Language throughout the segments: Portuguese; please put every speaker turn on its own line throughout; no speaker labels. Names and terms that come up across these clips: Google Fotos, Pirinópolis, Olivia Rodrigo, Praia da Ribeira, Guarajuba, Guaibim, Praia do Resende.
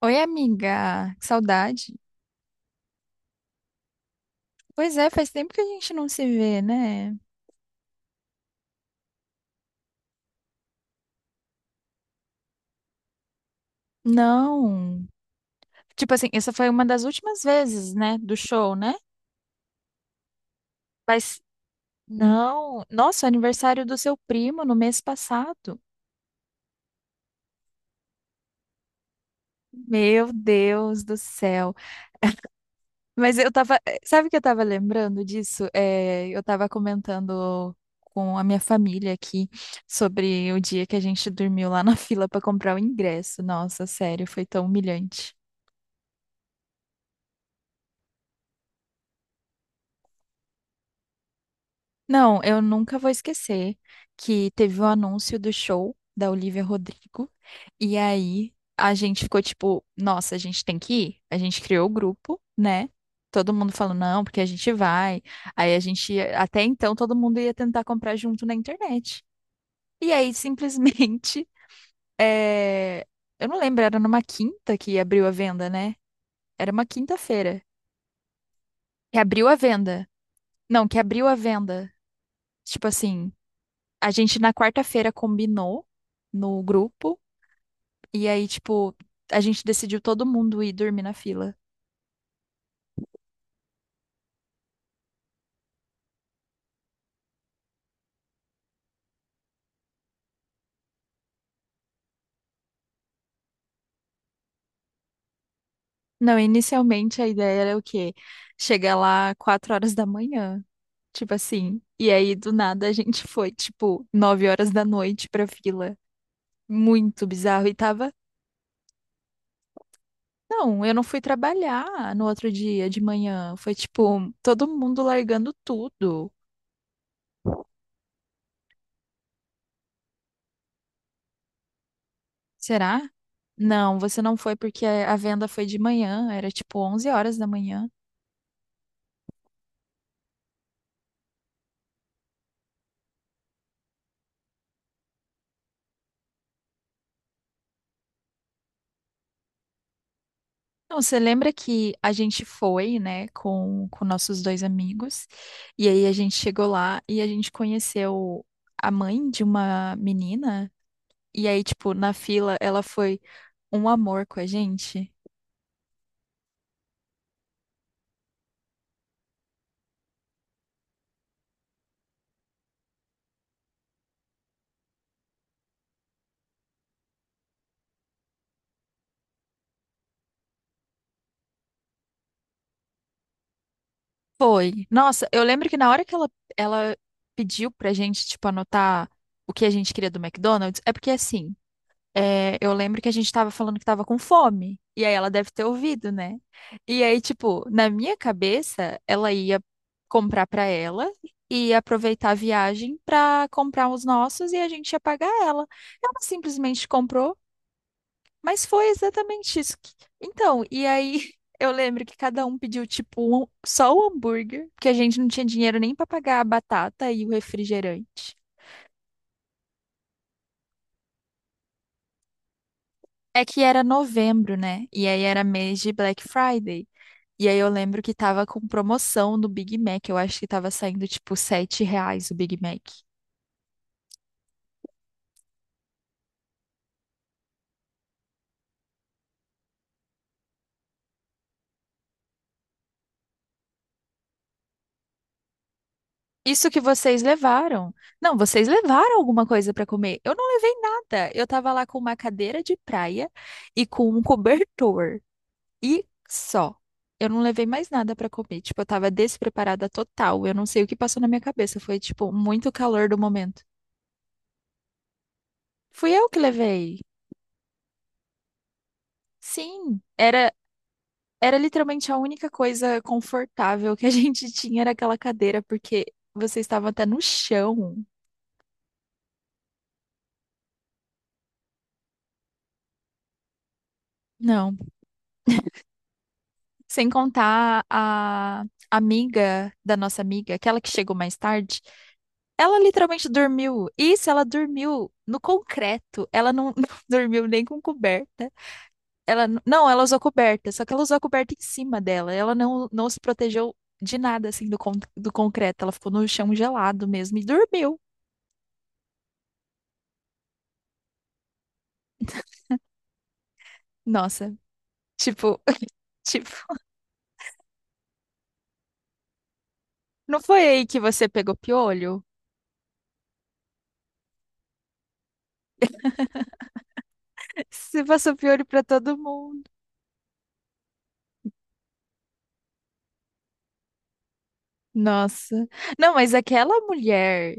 Oi, amiga, que saudade. Pois é, faz tempo que a gente não se vê, né? Não. Tipo assim, essa foi uma das últimas vezes, né, do show, né? Mas não. Nossa, aniversário do seu primo no mês passado. Meu Deus do céu. Mas eu tava, sabe o que eu tava lembrando disso? É, eu tava comentando com a minha família aqui sobre o dia que a gente dormiu lá na fila pra comprar o ingresso. Nossa, sério, foi tão humilhante. Não, eu nunca vou esquecer que teve o anúncio do show da Olivia Rodrigo. E aí a gente ficou tipo, nossa, a gente tem que ir. A gente criou o grupo, né? Todo mundo falou, não, porque a gente vai. Aí a gente, até então, todo mundo ia tentar comprar junto na internet. E aí, simplesmente, eh, eu não lembro, era numa quinta que abriu a venda, né? Era uma quinta-feira que abriu a venda. Não, que abriu a venda. Tipo assim. A gente na quarta-feira combinou no grupo e aí, tipo, a gente decidiu todo mundo ir dormir na fila. Não, inicialmente a ideia era o quê? Chegar lá 4 horas da manhã, tipo assim. E aí, do nada, a gente foi, tipo, 9 horas da noite pra fila. Muito bizarro. E tava. Não, eu não fui trabalhar no outro dia de manhã. Foi, tipo, todo mundo largando tudo. Será? Não, você não foi porque a venda foi de manhã, era tipo 11 horas da manhã. Não, você lembra que a gente foi, né, com nossos dois amigos, e aí a gente chegou lá e a gente conheceu a mãe de uma menina, e aí, tipo, na fila ela foi um amor com a gente? Foi. Nossa, eu lembro que na hora que ela pediu pra gente, tipo, anotar o que a gente queria do McDonald's, é porque assim. É, eu lembro que a gente tava falando que tava com fome. E aí ela deve ter ouvido, né? E aí, tipo, na minha cabeça, ela ia comprar pra ela e ia aproveitar a viagem pra comprar os nossos e a gente ia pagar ela. Ela simplesmente comprou, mas foi exatamente isso. Então, e aí eu lembro que cada um pediu, tipo, só o hambúrguer, porque a gente não tinha dinheiro nem pra pagar a batata e o refrigerante. É que era novembro, né? E aí era mês de Black Friday. E aí eu lembro que tava com promoção no Big Mac. Eu acho que tava saindo tipo 7 reais o Big Mac. Isso que vocês levaram. Não, vocês levaram alguma coisa pra comer. Eu não levei nada. Eu tava lá com uma cadeira de praia e com um cobertor. E só. Eu não levei mais nada pra comer. Tipo, eu tava despreparada total. Eu não sei o que passou na minha cabeça. Foi, tipo, muito calor do momento. Fui eu que levei. Sim, era. Era literalmente a única coisa confortável que a gente tinha era aquela cadeira, porque você estava até no chão. Não. Sem contar a amiga da nossa amiga, aquela que chegou mais tarde, ela literalmente dormiu. Isso, ela dormiu no concreto. Ela não, não dormiu nem com coberta. Ela n- não, ela usou coberta, só que ela usou a coberta em cima dela. Ela não, não se protegeu de nada assim do concreto. Ela ficou no chão gelado mesmo e dormiu. Nossa, tipo, Tipo, não foi aí que você pegou piolho? Você passou piolho pra todo mundo. Nossa. Não, mas aquela mulher,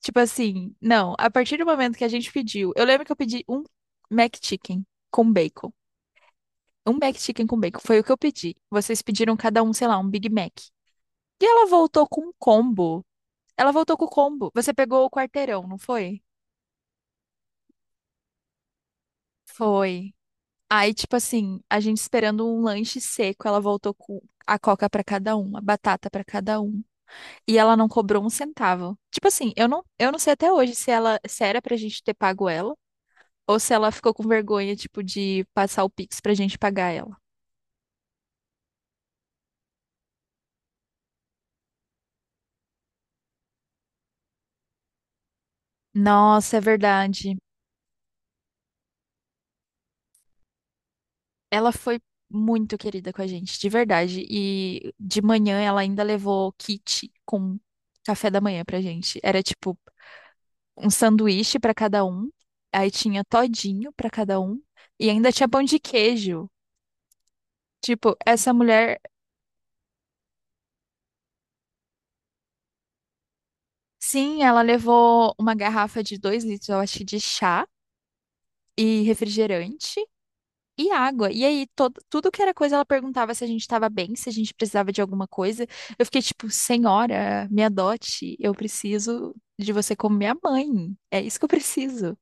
tipo assim, não, a partir do momento que a gente pediu, eu lembro que eu pedi um McChicken com bacon. Um McChicken com bacon, foi o que eu pedi. Vocês pediram cada um, sei lá, um Big Mac. E ela voltou com um combo. Ela voltou com o combo. Você pegou o quarteirão, não foi? Foi. Aí, tipo assim, a gente esperando um lanche seco, ela voltou com a coca pra cada um, a batata pra cada um, e ela não cobrou um centavo. Tipo assim, eu não sei até hoje se ela, se era pra gente ter pago ela, ou se ela ficou com vergonha, tipo, de passar o Pix pra gente pagar ela. Nossa, é verdade. Ela foi muito querida com a gente, de verdade. E de manhã ela ainda levou kit com café da manhã pra gente. Era tipo um sanduíche pra cada um, aí tinha todinho pra cada um e ainda tinha pão de queijo. Tipo, essa mulher, sim, ela levou uma garrafa de 2 litros, eu acho, de chá e refrigerante e água. E aí, tudo que era coisa, ela perguntava se a gente tava bem, se a gente precisava de alguma coisa. Eu fiquei tipo, senhora, me adote, eu preciso de você como minha mãe. É isso que eu preciso.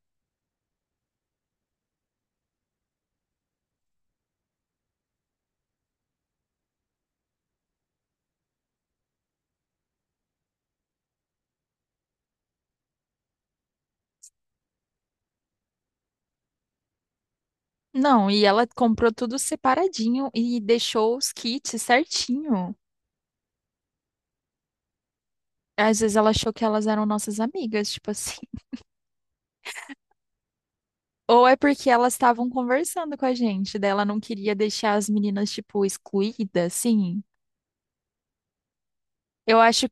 Não, e ela comprou tudo separadinho e deixou os kits certinho. Às vezes ela achou que elas eram nossas amigas, tipo assim. Ou é porque elas estavam conversando com a gente, daí ela não queria deixar as meninas, tipo, excluídas, assim. Eu acho,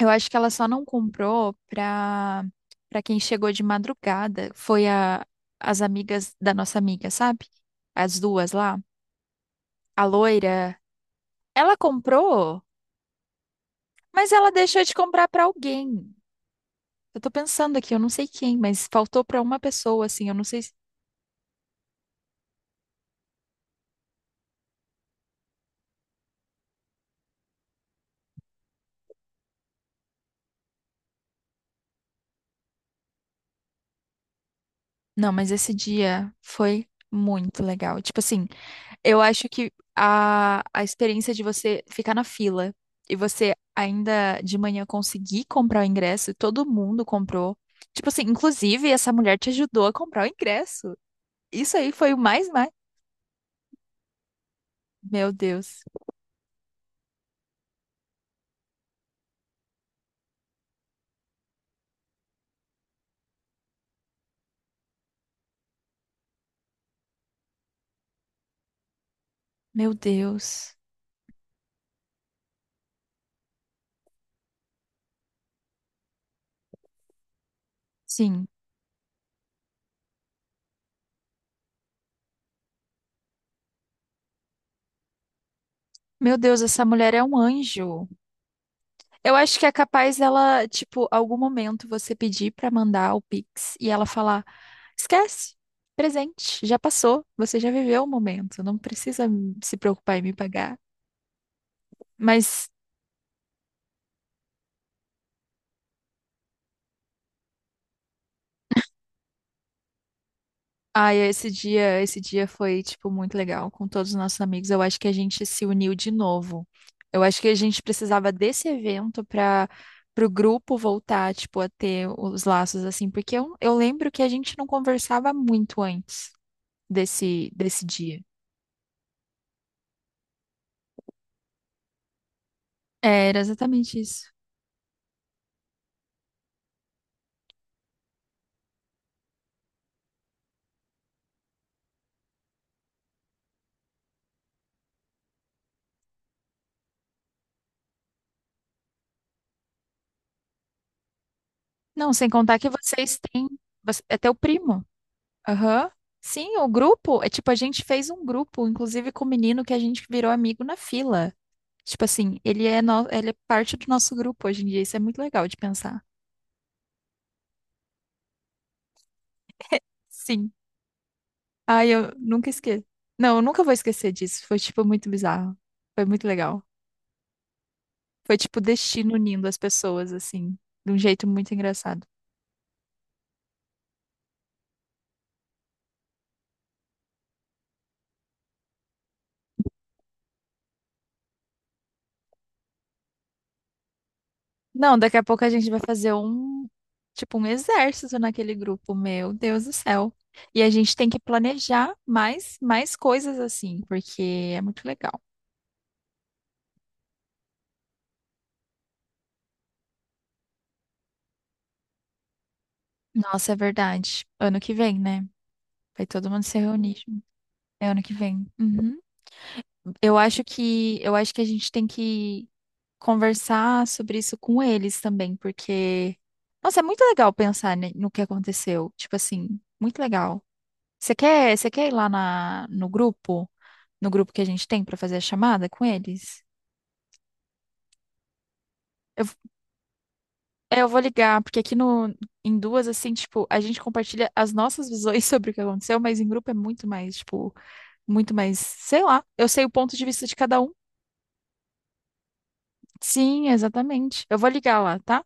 eu acho que ela só não comprou pra quem chegou de madrugada. Foi a, as amigas da nossa amiga, sabe? As duas lá. A loira. Ela comprou, mas ela deixou de comprar pra alguém. Eu tô pensando aqui, eu não sei quem, mas faltou pra uma pessoa, assim. Eu não sei. Não, mas esse dia foi muito legal. Tipo assim, eu acho que a experiência de você ficar na fila e você ainda de manhã conseguir comprar o ingresso, e todo mundo comprou. Tipo assim, inclusive essa mulher te ajudou a comprar o ingresso. Isso aí foi o mais, mais. Meu Deus. Meu Deus. Sim. Meu Deus, essa mulher é um anjo. Eu acho que é capaz ela, tipo, algum momento você pedir pra mandar o Pix e ela falar. Esquece. Presente. Já passou. Você já viveu o momento. Não precisa se preocupar em me pagar. Mas, ai, esse dia foi, tipo, muito legal com todos os nossos amigos. Eu acho que a gente se uniu de novo. Eu acho que a gente precisava desse evento para o grupo voltar, tipo, a ter os laços assim, porque eu lembro que a gente não conversava muito antes desse dia. É, era exatamente isso. Não, sem contar que vocês têm. É teu primo. Aham. Sim, o grupo. É tipo, a gente fez um grupo, inclusive com o menino que a gente virou amigo na fila. Tipo assim, ele é, no... ele é parte do nosso grupo hoje em dia. Isso é muito legal de pensar. Sim. Ai, eu nunca esqueço. Não, eu nunca vou esquecer disso. Foi, tipo, muito bizarro. Foi muito legal. Foi, tipo, o destino unindo as pessoas, assim, de um jeito muito engraçado. Não, daqui a pouco a gente vai fazer um, tipo, um exército naquele grupo, meu Deus do céu. E a gente tem que planejar mais coisas assim, porque é muito legal. Nossa, é verdade. Ano que vem, né? Vai todo mundo se reunir. É ano que vem. Uhum. Eu acho que a gente tem que conversar sobre isso com eles também, porque, nossa, é muito legal pensar, né, no que aconteceu. Tipo assim, muito legal. Você quer ir lá no grupo? No grupo que a gente tem pra fazer a chamada com eles? Eu, eu vou ligar, porque aqui no, em duas, assim, tipo, a gente compartilha as nossas visões sobre o que aconteceu, mas em grupo é muito mais, tipo, muito mais, sei lá, eu sei o ponto de vista de cada um. Sim, exatamente. Eu vou ligar lá, tá?